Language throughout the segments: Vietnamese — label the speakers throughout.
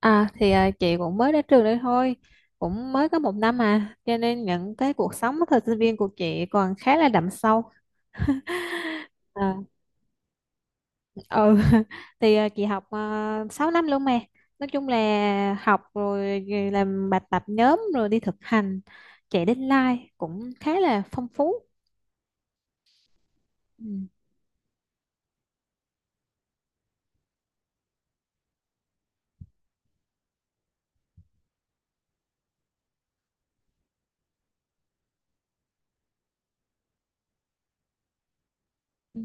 Speaker 1: Chị cũng mới đến trường đây thôi, cũng mới có một năm, cho nên những cái cuộc sống thời sinh viên của chị còn khá là đậm sâu. à, ừ chị học 6 năm luôn mà, nói chung là học rồi làm bài tập nhóm rồi đi thực hành, chạy deadline cũng khá là phong phú. Ừ. Ừ.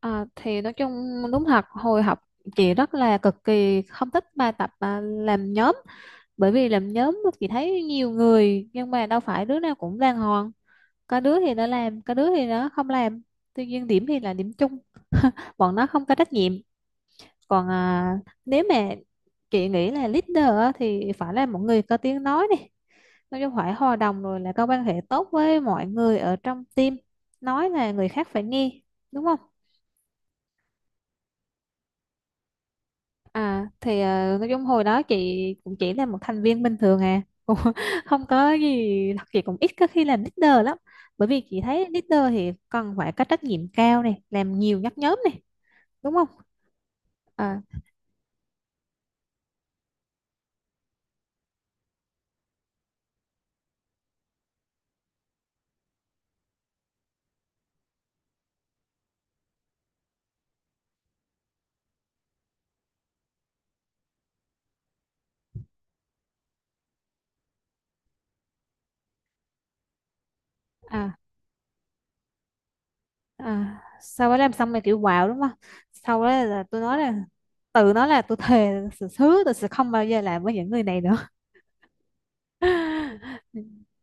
Speaker 1: À, thì Nói chung đúng thật hồi học chị rất là cực kỳ không thích bài tập làm nhóm, bởi vì làm nhóm chị thấy nhiều người nhưng mà đâu phải đứa nào cũng đàng hoàng, có đứa thì nó làm, có đứa thì nó không làm, tuy nhiên điểm thì là điểm chung. Bọn nó không có trách nhiệm. Còn à, nếu mà Chị nghĩ là leader á, thì phải là một người có tiếng nói này, nói chung phải hòa đồng rồi là có quan hệ tốt với mọi người ở trong team, nói là người khác phải nghe, đúng không? Nói chung hồi đó chị cũng chỉ là một thành viên bình thường à, cũng không có gì, chị cũng ít có khi làm leader lắm, bởi vì chị thấy leader thì cần phải có trách nhiệm cao này, làm nhiều nhắc nhóm này, đúng không? À, à, à, sau đó làm xong rồi kiểu wow đúng không, sau đó là tôi nói là tự nó là tôi thề là sự hứa tôi sẽ không bao giờ làm với những người này nữa.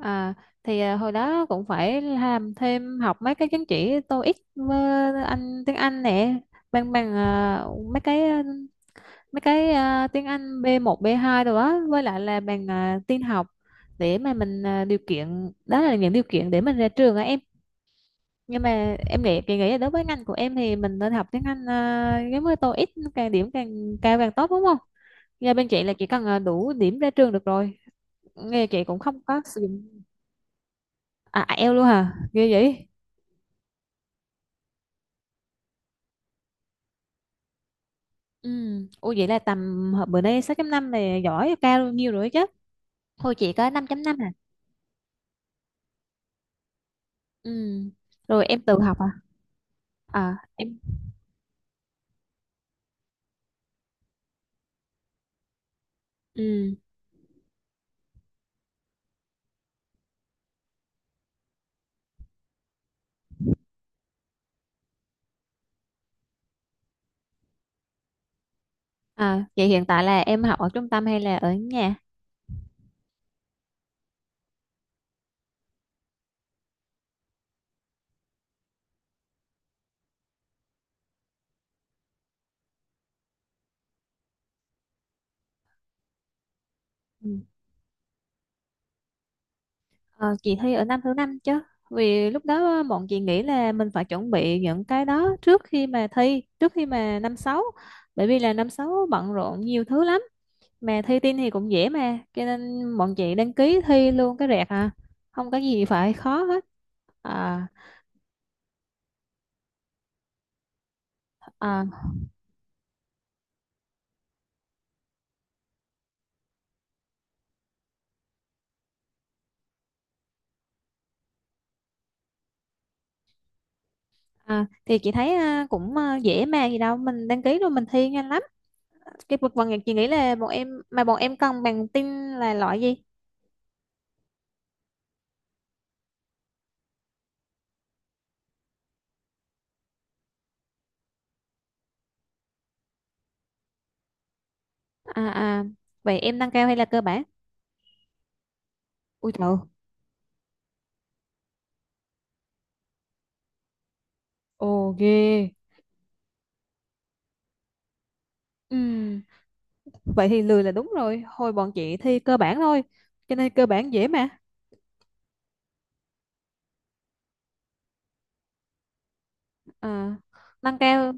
Speaker 1: À, Hồi đó cũng phải làm thêm, học mấy cái chứng chỉ TOEIC với anh tiếng Anh nè, bằng bằng mấy cái à, mấy cái tiếng Anh b một b hai rồi đó, với lại là bằng tin học, để mà mình, điều kiện đó là những điều kiện để mình ra trường á em. Nhưng mà em nghĩ, chị nghĩ là đối với ngành của em thì mình nên học tiếng Anh, giống như TOEIC, càng điểm càng cao càng tốt, đúng không? Nhà bên chị là chỉ cần, đủ điểm ra trường được rồi, nghe chị cũng không có sử dụng. À, IELTS luôn hả, ghê vậy. Ừ. Ủa vậy là tầm hồi bữa nay 6.5 này giỏi, cao bao nhiêu rồi chứ? Thôi chị có 5.5 à? Ừ. Rồi em tự học à? À, em. Ừ. À vậy hiện tại là em học ở trung tâm hay là ở nhà? Ừ. Ờ, chị thi ở năm thứ năm chứ, vì lúc đó bọn chị nghĩ là mình phải chuẩn bị những cái đó trước khi mà thi, trước khi mà năm sáu, bởi vì là năm sáu bận rộn nhiều thứ lắm, mà thi tin thì cũng dễ mà, cho nên bọn chị đăng ký thi luôn cái rẹt à, không có gì phải khó hết. À, à, à, thì chị thấy à, cũng dễ mà gì đâu, mình đăng ký rồi mình thi nhanh lắm. Cái vực vần chị nghĩ là bọn em, mà bọn em cần bằng tin là loại gì? À, à vậy em nâng cao hay là cơ bản? Ui trời. Ồ ghê. Ừm, Vậy thì lười là đúng rồi. Hồi bọn chị thi cơ bản thôi. Cho nên cơ bản dễ mà. À, nâng cao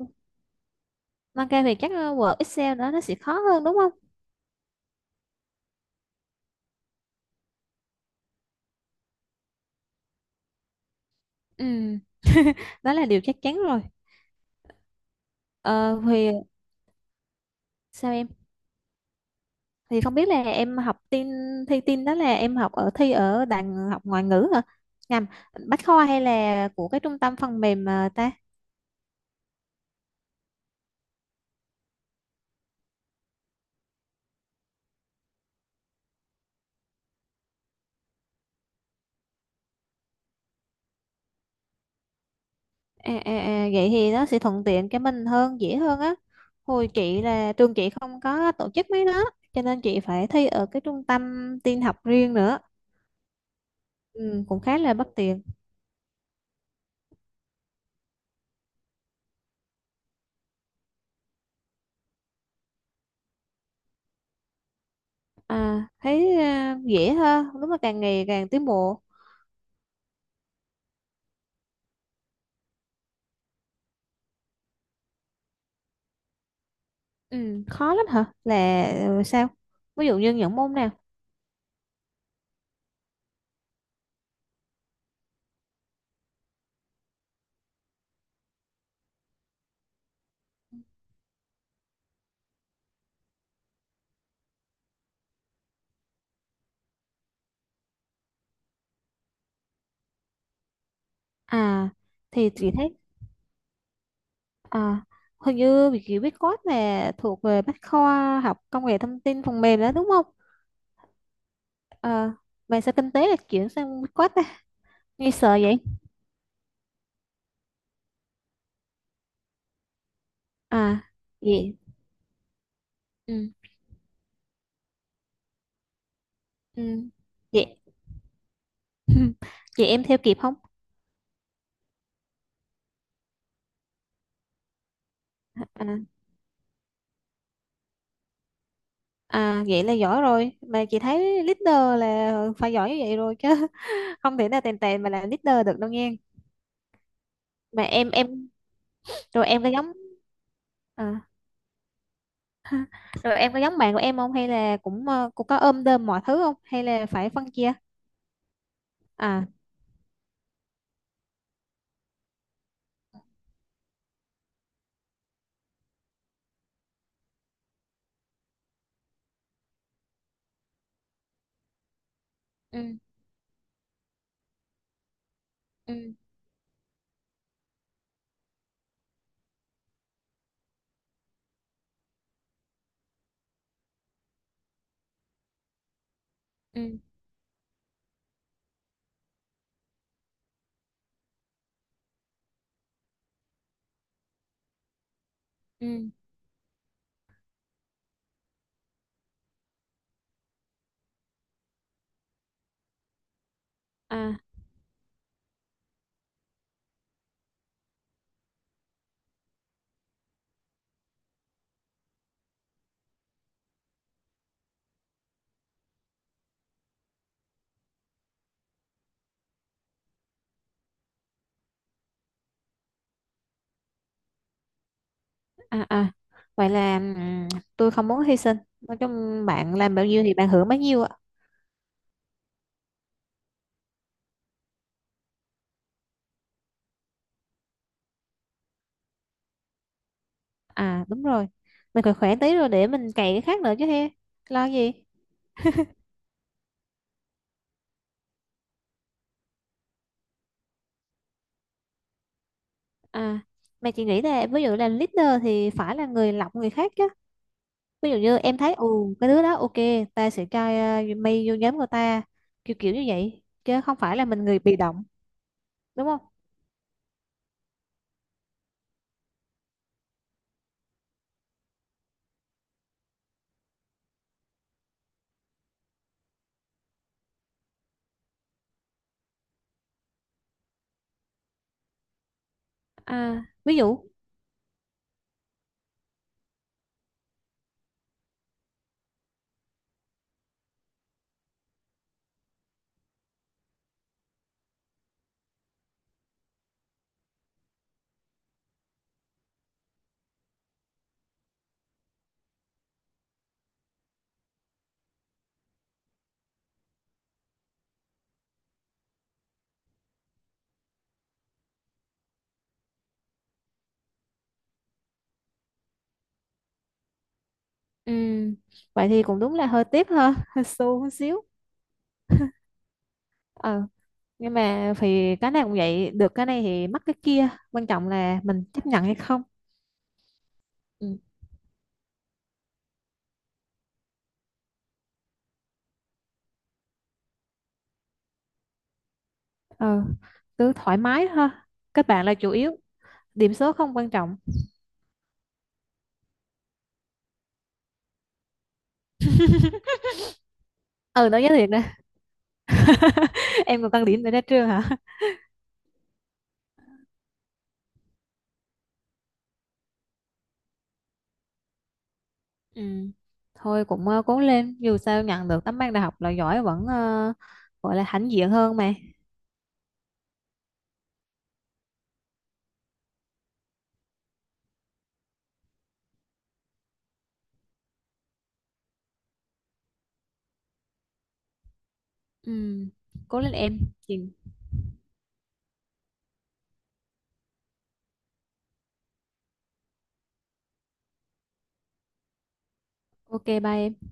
Speaker 1: nâng cao thì chắc Word Excel đó nó sẽ khó hơn đúng không? Ừ, đó là điều chắc chắn rồi. Ờ, thì sao em? Thì không biết là em học tin, thi tin đó là em học ở, thi ở đàn học ngoại ngữ hả? Nhầm, Bách Khoa, hay là của cái trung tâm phần mềm ta? À, à, à, vậy thì nó sẽ thuận tiện cho mình hơn, dễ hơn á. Hồi chị là trường chị không có tổ chức mấy đó, cho nên chị phải thi ở cái trung tâm tin học riêng nữa, ừ, cũng khá là bất tiện. À thấy, dễ hơn, đúng là càng ngày càng tiến bộ. Ừ, Khó lắm hả, là ừ, sao, ví dụ như những môn nào? À thì chị thấy, à, hình như việc chị biết code là thuộc về bách khoa học công nghệ thông tin phần mềm đó đúng không? À, mà sao kinh tế là chuyển sang viết code, nghe sợ vậy. À vậy. ừ, ừ, Vậy vậy em theo kịp không? À, à vậy là giỏi rồi, mà chị thấy leader là phải giỏi như vậy rồi chứ không thể nào tèn tèn mà làm leader được đâu nghe. Mà em, rồi em có giống, à, rồi em có giống bạn của em không, hay là cũng cũng có ôm đơm mọi thứ không, hay là phải phân chia? à ừ ừ ừ ừ à à à Vậy là tôi không muốn hy sinh, nói chung bạn làm bao nhiêu thì bạn hưởng bấy nhiêu ạ. À đúng rồi, mình khỏe khỏe tí rồi để mình cày cái khác nữa chứ he, lo gì. À mà chị nghĩ là ví dụ là leader thì phải là người lọc người khác chứ. Ví dụ như em thấy ồ cái đứa đó ok, ta sẽ cho mày vô nhóm của ta, kiểu kiểu như vậy, chứ không phải là mình người bị động, đúng không? À ví dụ. Ừm, vậy thì cũng đúng là hơi tiếc ha, hơi xô một xíu. Ờ. Nhưng mà thì cái này cũng vậy, được cái này thì mất cái kia, quan trọng là mình chấp nhận hay không. Ừ. Ờ, cứ thoải mái thôi, các bạn là chủ yếu, điểm số không quan trọng. Ừ, nói giới thiệt nè, em còn tăng điểm để ra trường hả? Ừ. Thôi cũng cố lên, dù sao nhận được tấm bằng đại học là giỏi vẫn, gọi là hãnh diện hơn mà. Ừ. Cố lên em. Chị- ok bye em.